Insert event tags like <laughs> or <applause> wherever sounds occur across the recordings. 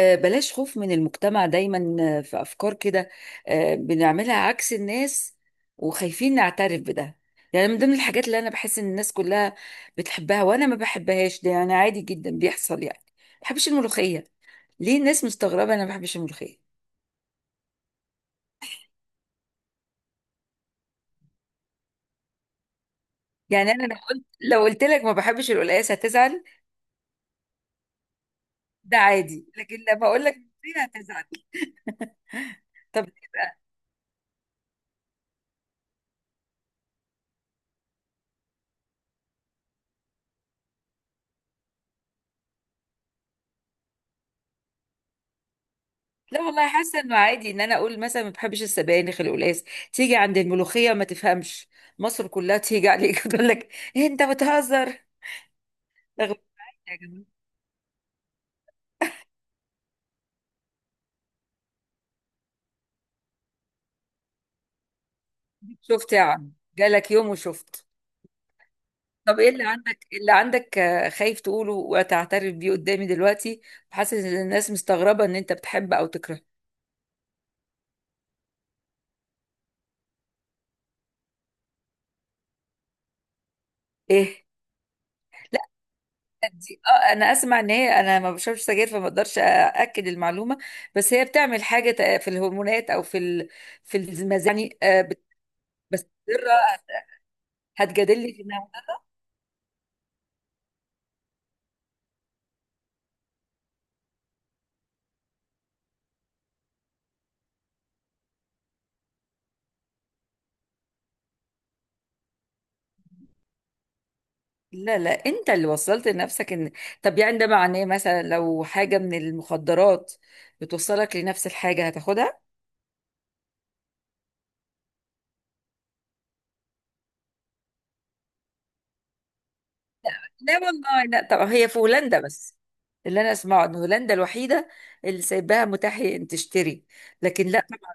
بلاش خوف من المجتمع دايما، في أفكار كده. بنعملها عكس الناس وخايفين نعترف بده. يعني من ضمن الحاجات اللي أنا بحس إن الناس كلها بتحبها وأنا ما بحبهاش، ده يعني عادي جدا بيحصل. يعني ما بحبش الملوخية. ليه الناس مستغربة أنا ما بحبش الملوخية؟ يعني أنا لو قلت لك ما بحبش القلقاس هتزعل، ده عادي، لكن لما أقول لك ملوخية هتزعل. طب لا والله، حاسه انه عادي ان انا اقول مثلا ما بحبش السبانخ، القلقاس. تيجي عند الملوخيه ما تفهمش، مصر كلها تيجي عليك <laughs> تقول لك إيه انت بتهزر؟ رغم- يا جماعة، شفت يا عم؟ جالك يوم وشفت. طب ايه اللي عندك؟ إيه اللي عندك خايف تقوله وتعترف بيه قدامي دلوقتي؟ حاسس ان الناس مستغربه ان انت بتحب او تكره؟ ايه؟ لا، دي اه، انا اسمع ان هي، انا ما بشربش سجاير فما اقدرش ااكد المعلومه، بس هي بتعمل حاجه في الهرمونات او في في المزاج يعني بس مرة. هتجادلني في انها؟ لا، انت اللي وصلت لنفسك ان... طب يعني ده معناه مثلا لو حاجة من المخدرات بتوصلك لنفس الحاجة هتاخدها؟ لا والله لا، طب هي في هولندا بس، اللي انا اسمعه ان هولندا الوحيدة اللي سايباها متاح ان تشتري، لكن لا طبعا.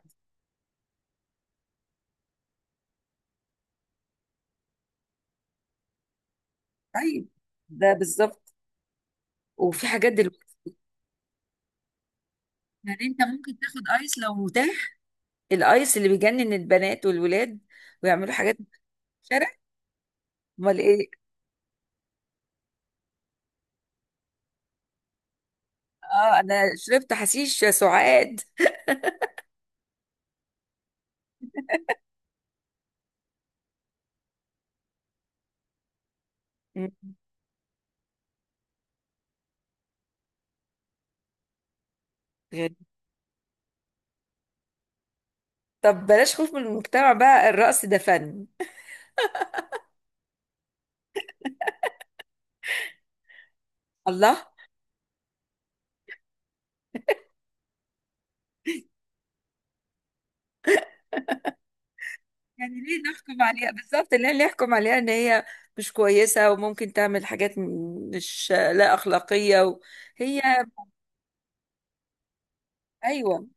طيب ده بالظبط. وفي حاجات دلوقتي، يعني انت ممكن تاخد ايس لو متاح، الايس اللي بيجنن البنات والولاد ويعملوا حاجات في الشارع. امال ايه؟ اه، انا شربت حشيش سعاد. مم. غريب. طب بلاش خوف من المجتمع بقى، الرقص ده فن. الله، يعني ليه نحكم عليها بالظبط؟ ليه نحكم عليها ان هي مش كويسة وممكن تعمل حاجات مش لا أخلاقية و... هي... ايوه.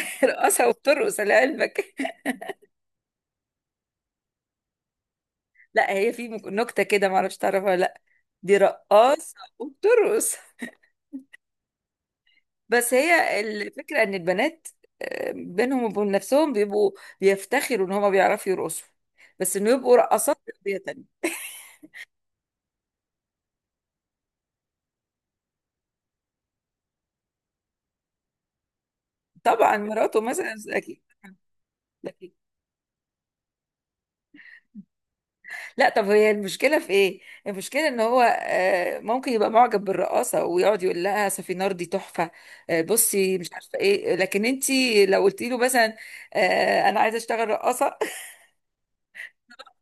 <laughs> رقاصة وبترقص لعلمك. <laughs> لا هي في نكتة كده، معرفش تعرفها ولا لا، دي رقاصة وبترقص. بس هي الفكرة ان البنات بينهم وبين نفسهم بيبقوا بيفتخروا ان هما بيعرفوا يرقصوا، بس انه يبقوا رقصات تربية. طبعا مراته مثلا اكيد. أكيد. لا طب هي المشكله في ايه؟ المشكله ان هو ممكن يبقى معجب بالرقاصه ويقعد يقول لها سفينار دي تحفه، بصي مش عارفه ايه، لكن انت لو قلتي له مثلا انا عايزه اشتغل رقاصه،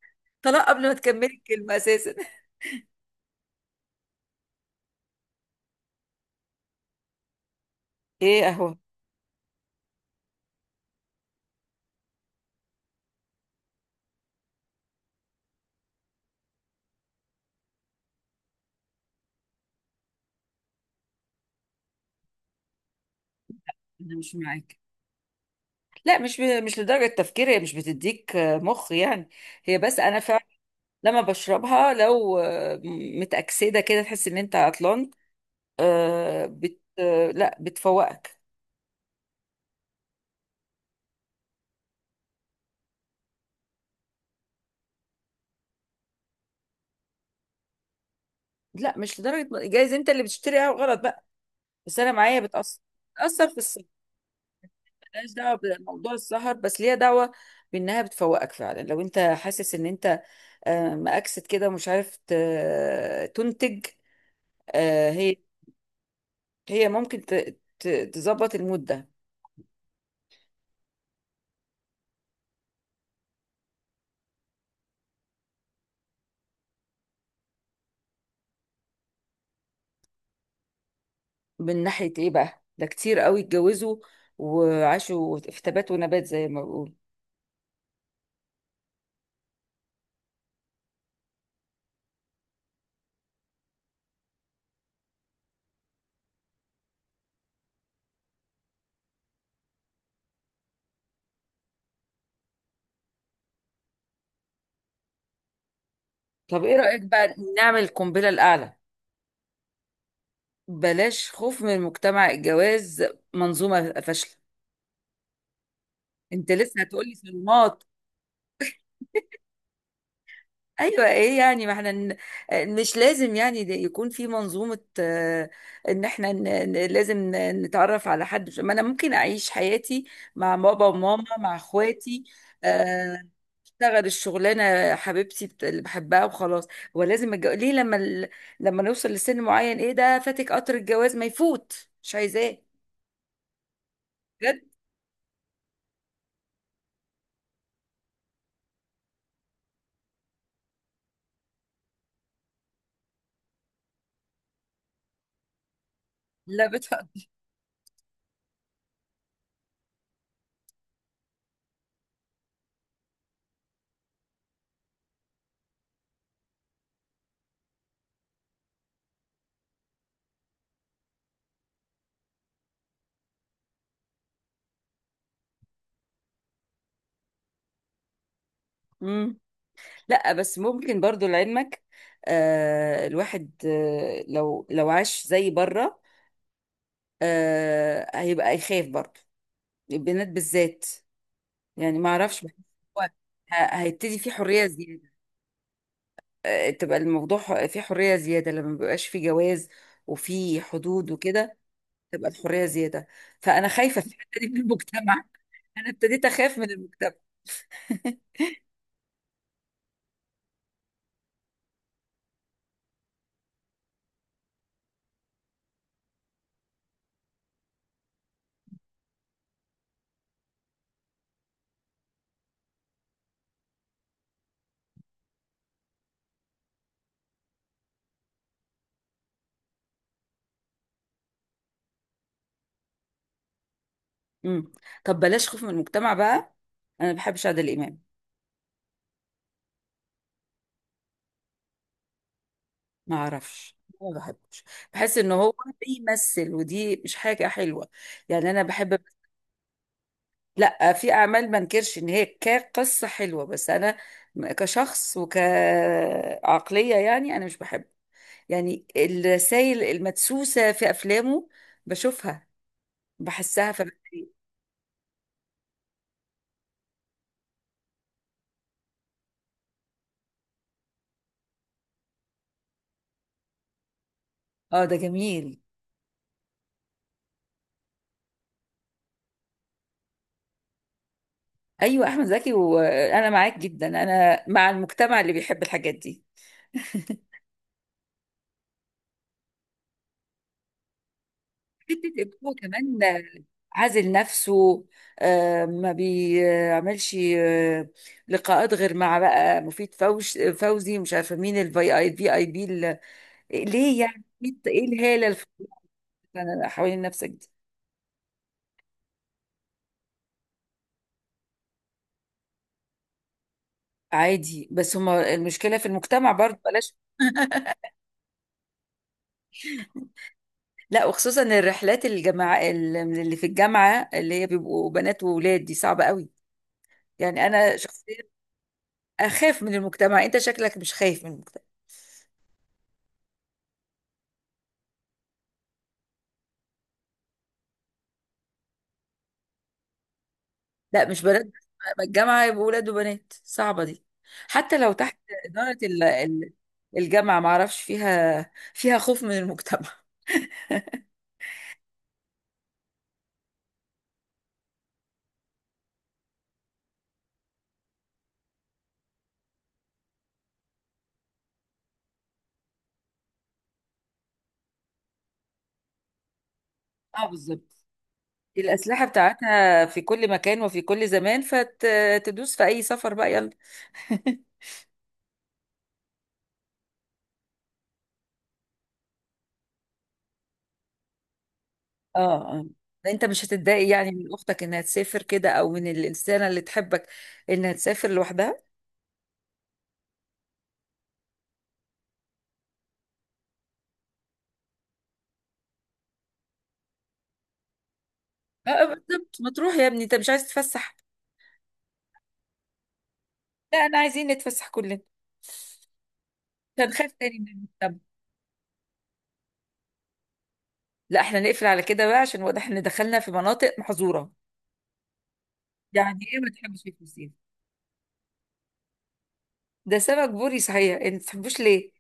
<laughs> طلاق قبل ما تكملي الكلمه اساسا. ايه اهو. انا مش معاك. لا مش مش لدرجه تفكير، هي مش بتديك مخ يعني، هي بس انا فعلا لما بشربها لو متأكسدة كده تحس ان انت عطلان، آه بت آه لا بتفوقك. لا مش لدرجه جايز انت اللي بتشتريها غلط بقى، بس انا معايا بتاثر. بتاثر في السهر، ملهاش دعوه بموضوع السهر، بس ليها دعوه بانها بتفوقك فعلا لو انت حاسس ان انت مأكسد كده ومش عارف تنتج. هي هي ممكن تظبط المود ده. من ناحيه ايه بقى؟ ده كتير قوي اتجوزوا وعاشوا في تبات ونبات زي ما بقول. طب ايه رأيك بقى نعمل القنبله الاعلى؟ بلاش خوف من مجتمع الجواز، منظومة فاشلة. انت لسه هتقولي صالونات؟ ايوه، ايه يعني؟ ما احنا مش لازم يعني ده يكون في منظومة، ان احنا لازم نتعرف على حد. ما انا ممكن اعيش حياتي مع بابا وماما، مع اخواتي. آه، اشتغل الشغلانه حبيبتي اللي بحبها وخلاص. هو لازم الجو... ليه لما ال... لما نوصل لسن معين ايه ده فاتك قطر الجواز؟ ما يفوت، مش عايزاه. بجد. لا، بتفق. لا بس ممكن برضو لعلمك، الواحد لو عاش زي بره هيبقى يخاف برضو، البنات بالذات. يعني ما اعرفش، بحس هو هيبتدي في حرية زيادة، تبقى الموضوع في حرية زيادة لما بيبقاش في جواز وفي حدود وكده، تبقى الحرية زيادة. فأنا خايفة في الحتة دي من المجتمع. أنا ابتديت أخاف من المجتمع. مم. طب بلاش خوف من المجتمع بقى، أنا ما بحبش عادل إمام. ما اعرفش، ما بحبش، بحس ان هو بيمثل ودي مش حاجه حلوه. يعني انا بحب... لا، في اعمال ما انكرش ان هي كقصه حلوه، بس انا كشخص وكعقليه يعني انا مش بحب، يعني الرسائل المدسوسه في افلامه بشوفها، بحسها فبتضايق. اه ده جميل. ايوه احمد زكي، وانا معاك جدا، انا مع المجتمع اللي بيحب الحاجات دي. حته ابوه كمان، عازل نفسه، ما بيعملش لقاءات غير مع بقى مفيد فوش فوزي، مش عارفه مين الفي اي بي اي بي ليه يعني؟ ايه الهاله اللي حوالين نفسك دي؟ عادي، بس هما المشكله في المجتمع برضه، بلاش. لا، وخصوصا الرحلات الجماعة اللي في الجامعه اللي هي بيبقوا بنات وولاد، دي صعبه قوي. يعني انا شخصيا اخاف من المجتمع، انت شكلك مش خايف من المجتمع. لا مش بنات بس، بقى الجامعة يبقوا ولاد وبنات، صعبة دي، حتى لو تحت إدارة الجامعة، معرفش فيها خوف من المجتمع. <laughs> اه بالظبط، الأسلحة بتاعتها في كل مكان وفي كل زمان، فتدوس في أي سفر بقى، يلا. <laughs> اه. آه. انت مش هتتضايق يعني من اختك انها تسافر كده، او من الانسانه اللي تحبك انها تسافر لوحدها؟ اه بالظبط، ما تروح يا ابني، انت مش عايز تتفسح؟ لا انا عايزين نتفسح كلنا. مش هنخاف تاني من المجتمع. لا احنا نقفل على كده بقى، عشان واضح ان دخلنا في مناطق محظوره. يعني ايه ما تحبش الفسيخ؟ ده سمك بوري صحيح، انت ما تحبوش ليه؟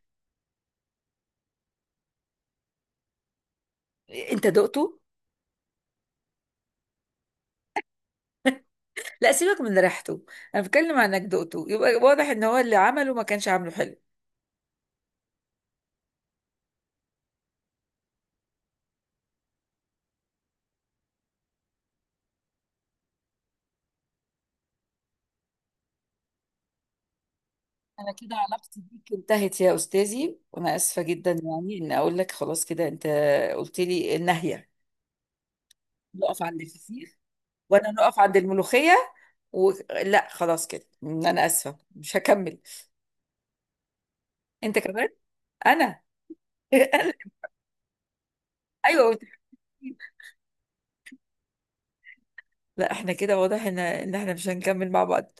انت دقته؟ لا سيبك من ريحته، انا بتكلم عن انك دقته، يبقى واضح ان هو اللي عمله ما كانش عامله حلو. انا كده علاقتي بيك انتهت يا استاذي، وانا اسفه جدا يعني ان اقول لك خلاص كده، انت قلت لي النهيه. نقف عند الفسيخ، وانا نقف عند الملوخيه، و... لا خلاص كده انا اسفه، مش هكمل. انت كمان؟ انا... <laughs> ايوه. لا احنا كده واضح ان احنا مش هنكمل مع بعض.